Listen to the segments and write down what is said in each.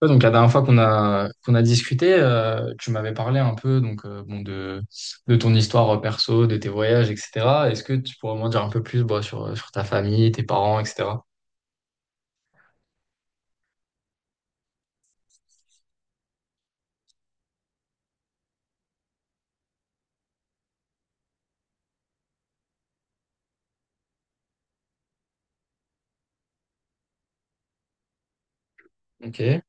Ouais, donc la dernière fois qu'on a discuté, tu m'avais parlé un peu donc bon de ton histoire perso, de tes voyages, etc. Est-ce que tu pourrais m'en dire un peu plus bah, sur ta famille, tes parents, etc. Ok,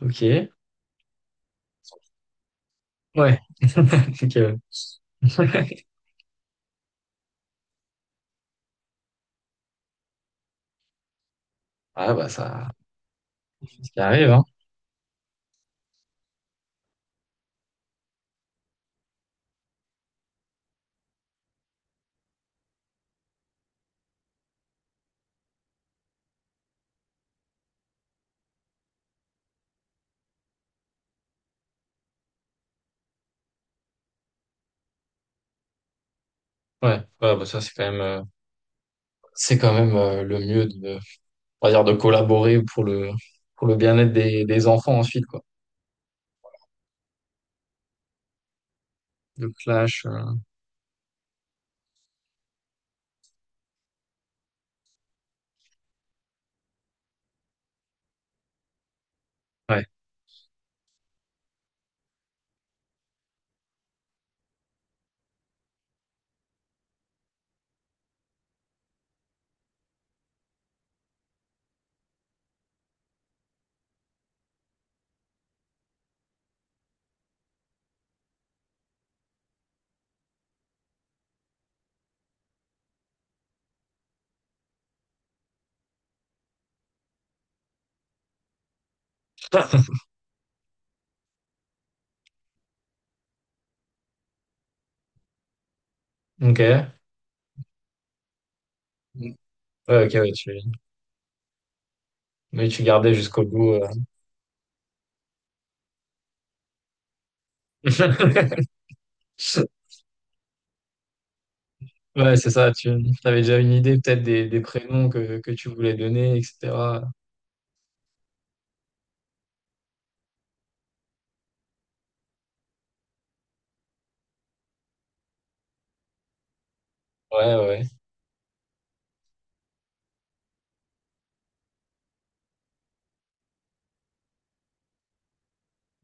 ok, ouais, ok. Ouais. Ah bah ça, c'est ce qui arrive, hein. Ouais, ouais, bah ça c'est quand même le mieux de, on va dire, de collaborer pour le bien-être des enfants ensuite, quoi. Le clash, ouais. Ok. Ouais, ok, ouais, tu mais tu gardais jusqu'au bout. Ouais, c'est ça, tu avais déjà une idée peut-être des prénoms que tu voulais donner, etc. Ouais, ouais.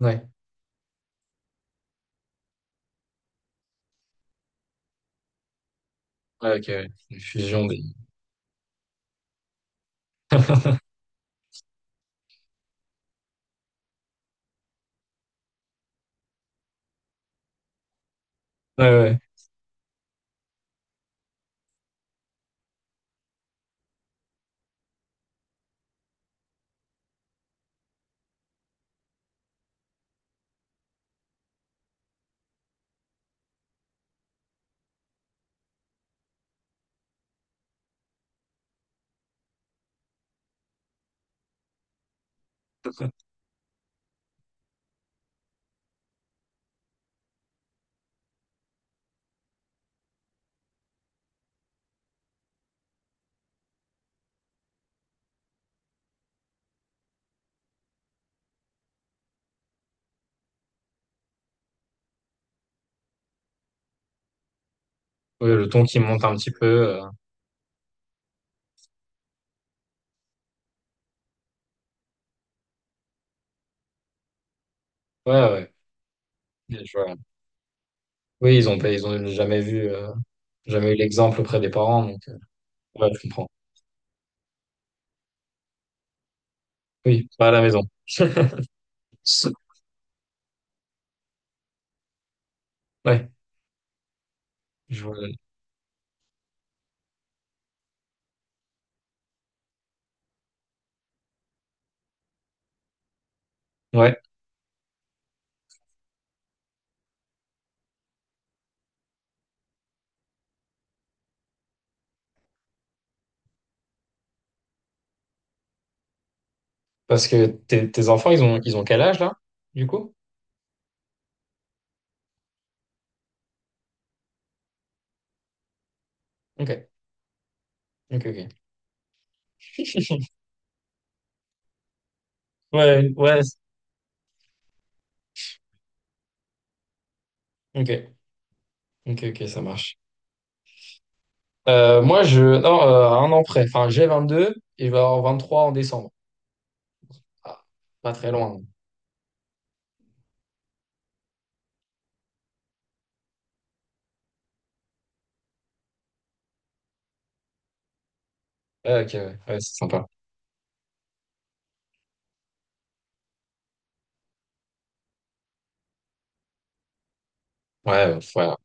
Ouais, ouais, ok, ouais. Une fusion des. Ouais, ouais. Ouais, le ton qui monte un petit peu. Ouais, ouais. Bien, je vois. Oui, ils ont pas, ils ont jamais vu, jamais eu l'exemple auprès des parents, donc ouais, je comprends. Oui, pas à la maison. Ouais, je vois. Ouais, parce que tes enfants, ils ont quel âge là, du coup? Ok, ok, ok. Ouais, ouais, ok, ok, ok, ça marche. Moi, je. Non, un an près. Enfin, j'ai 22 et je vais avoir 23 en décembre. Ah, pas très loin. Ouais, ok, ouais. Ouais, c'est sympa. Ouais, ouais,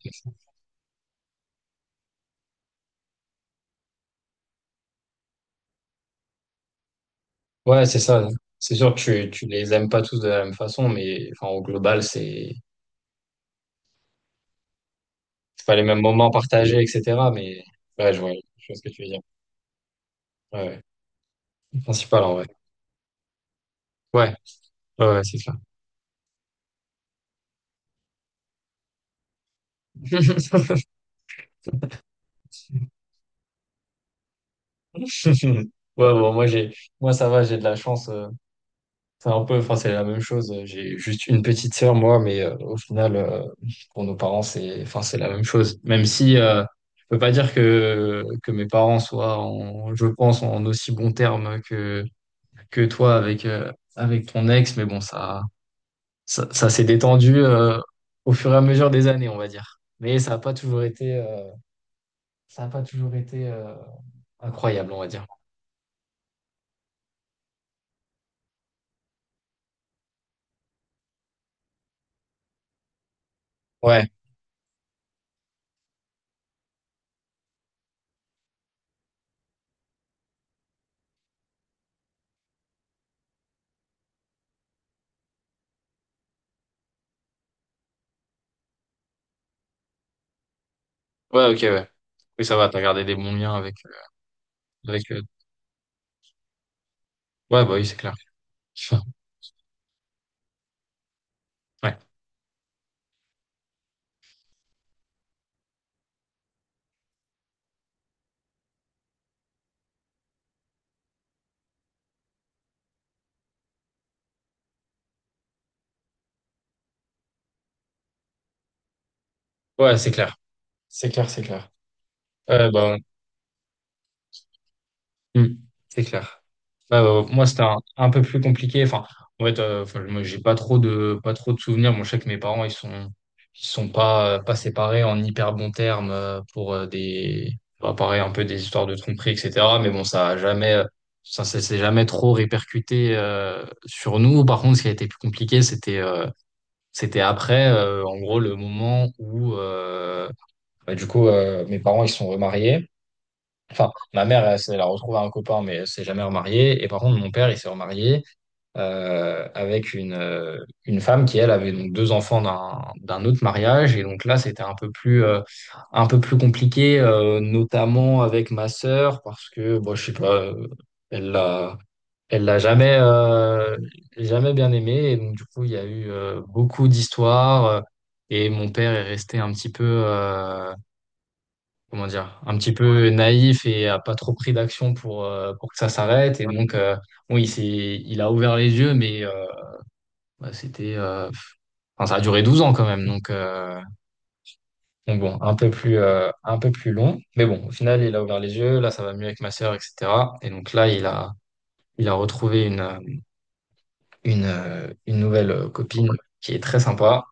ouais, c'est ça. C'est sûr que tu les aimes pas tous de la même façon, mais enfin, au global, c'est pas les mêmes moments partagés, etc. Mais ouais, je vois ce que tu veux dire. Ouais, ouais. Le principal en vrai. Ouais, ouais, ouais, c'est ça. Ouais, bon, moi, ça va, j'ai de la chance. C'est un peu, enfin, c'est la même chose. J'ai juste une petite sœur, moi, mais au final, pour nos parents, c'est, enfin, c'est la même chose. Même si je peux pas dire que mes parents soient, je pense, en aussi bons termes que toi avec avec ton ex, mais bon, ça ça s'est détendu au fur et à mesure des années, on va dire. Mais ça a pas toujours été, ça a pas toujours été euh, incroyable, on va dire. Ouais, ouais, ok, ouais. Oui, ça va. T'as gardé des bons liens avec avec. Ouais, bah oui, c'est clair. Ouais. Ouais, c'est clair. C'est clair, c'est clair. Euh, bah, hmm, c'est clair. Bah, moi, c'était un peu plus compliqué. Enfin, en fait, enfin, moi, j'ai pas trop de souvenirs. Moi, je sais que mes parents, ils sont pas séparés en hyper bons termes pour des, bah, pareil, un peu des histoires de tromperie, etc. Mais bon, ça a jamais, ça s'est jamais trop répercuté sur nous. Par contre, ce qui a été plus compliqué, c'était après, en gros, le moment où, bah, du coup, mes parents, ils sont remariés. Enfin, ma mère, elle a retrouvé un copain, mais elle s'est jamais remariée. Et par contre, mon père, il s'est remarié avec une femme qui, elle, avait donc deux enfants d'un autre mariage. Et donc là, c'était un peu plus compliqué, notamment avec ma sœur, parce que, bon, je sais pas, elle l'a, elle l'a jamais, jamais bien aimé. Et donc, du coup, il y a eu beaucoup d'histoires. Et mon père est resté un petit peu, comment dire, un petit peu naïf et a pas trop pris d'action pour que ça s'arrête. Et donc, bon, il a ouvert les yeux, mais bah, c'était, enfin, ça a duré 12 ans quand même. Donc bon, un peu plus long. Mais bon, au final, il a ouvert les yeux. Là, ça va mieux avec ma sœur, etc. Et donc là, il a retrouvé une nouvelle copine qui est très sympa,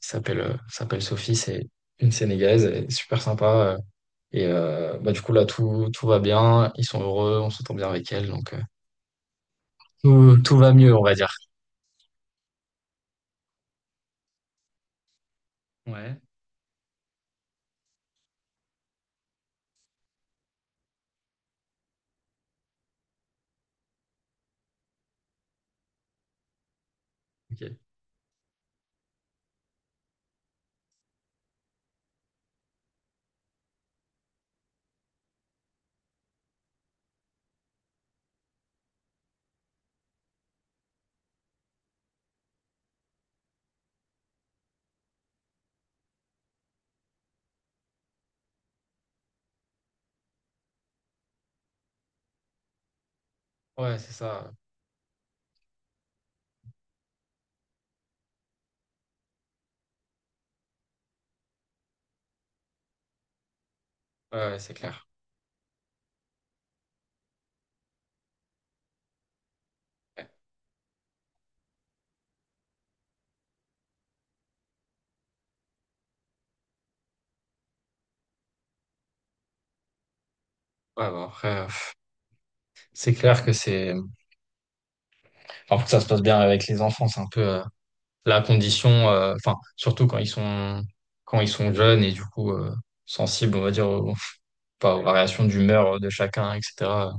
qui s'appelle Sophie. C'est une Sénégalaise. Elle est super sympa. Et bah, du coup, là, tout va bien. Ils sont heureux, on s'entend bien avec elle. Donc, tout va mieux, on va dire. Ouais, ok. Ouais, c'est ça. Ouais, ouais, c'est clair. Ouais. Ouais, bah, après, c'est clair que c'est. Enfin, pour que ça se passe bien avec les enfants, c'est un peu la condition. Enfin, surtout quand ils sont jeunes et du coup sensibles, on va dire, aux, pas aux variations d'humeur de chacun, etc.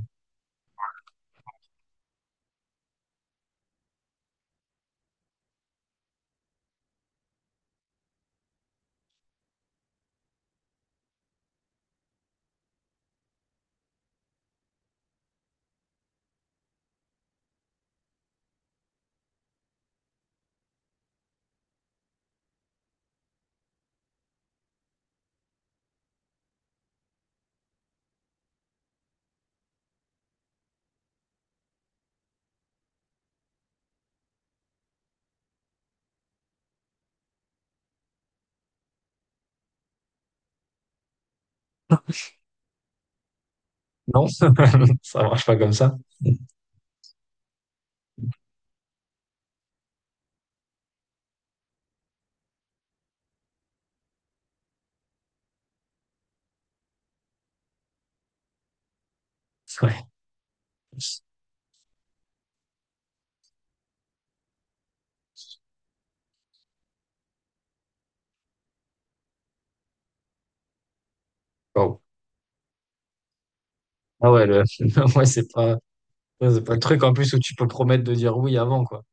Non, ça marche pas comme ça. Ouais. Wow. Ah ouais, le. Ouais, c'est pas. Ouais, c'est pas le truc en plus où tu peux promettre de dire oui avant, quoi.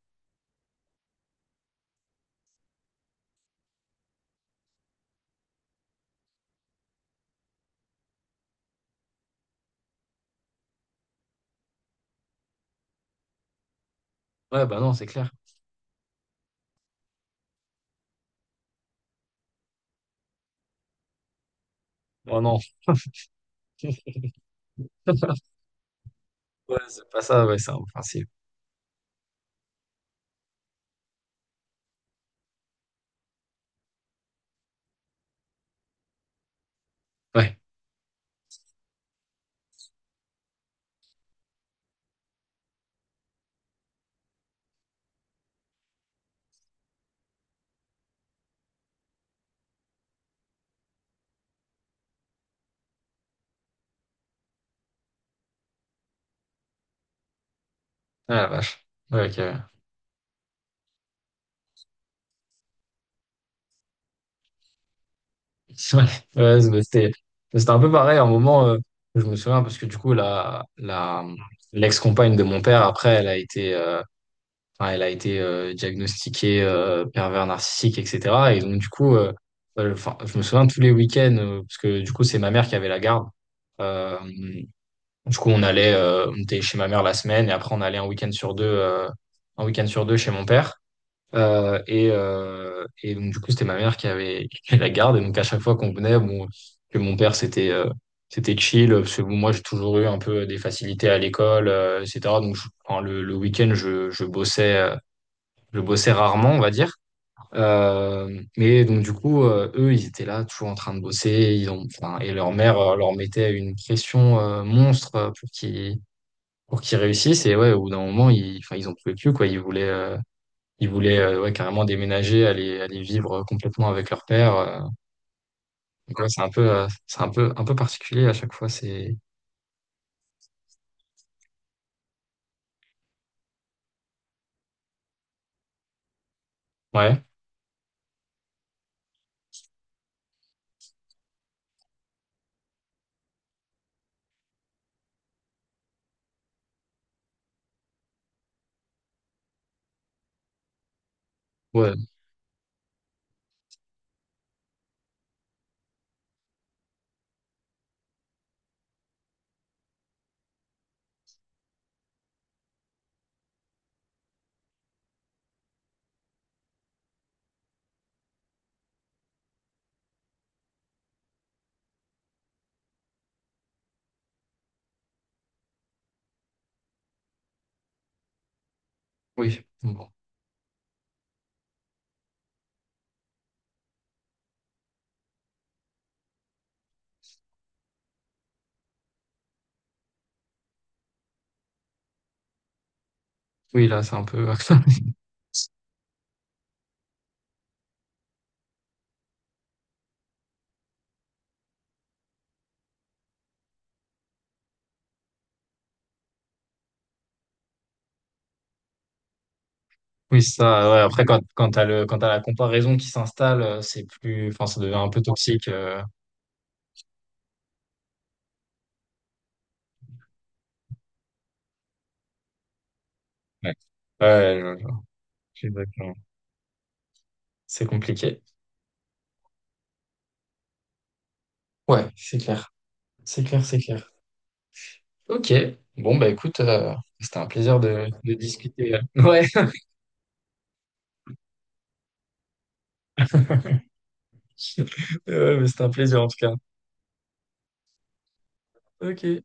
Ouais, bah non, c'est clair. Oh non. Ouais, c'est pas ça, ouais, c'est un principe. Ouais. Ah la vache. Ouais, ok. Ouais. Ouais, c'était un peu pareil. À un moment, je me souviens parce que du coup, l'ex-compagne de mon père, après, elle a été diagnostiquée pervers narcissique, etc. Et donc, du coup, enfin, je me souviens tous les week-ends, parce que du coup, c'est ma mère qui avait la garde. Euh, Du coup, on était chez ma mère la semaine et après on allait un week-end sur deux, chez mon père. Et donc du coup, c'était ma mère qui avait, qui avait la garde. Et donc à chaque fois qu'on venait, bon, que mon père c'était chill parce que bon, moi j'ai toujours eu un peu des facilités à l'école, etc. Donc enfin, le week-end, je bossais rarement, on va dire. Mais donc du coup, eux, ils étaient là, toujours en train de bosser. Et leur mère leur mettait une pression monstre pour qu'ils réussissent. Et ouais, au bout d'un moment, ils, enfin, ils en pouvaient plus, quoi. Ils voulaient ouais, carrément déménager, aller vivre complètement avec leur père. Donc ouais, c'est un peu, particulier à chaque fois. C'est ouais, ouais, oui, bon, oui, là, c'est un peu. Oui, c'est ça. Ouais. Après, quand t'as le, quand t'as la comparaison qui s'installe, c'est plus, enfin, ça devient un peu toxique. Ouais. Ouais, exactement. C'est compliqué. Ouais, c'est clair. C'est clair, c'est clair. Ok. Bon, bah écoute, c'était un plaisir de discuter. Ouais. Ouais, mais c'était un plaisir en tout cas. Ok.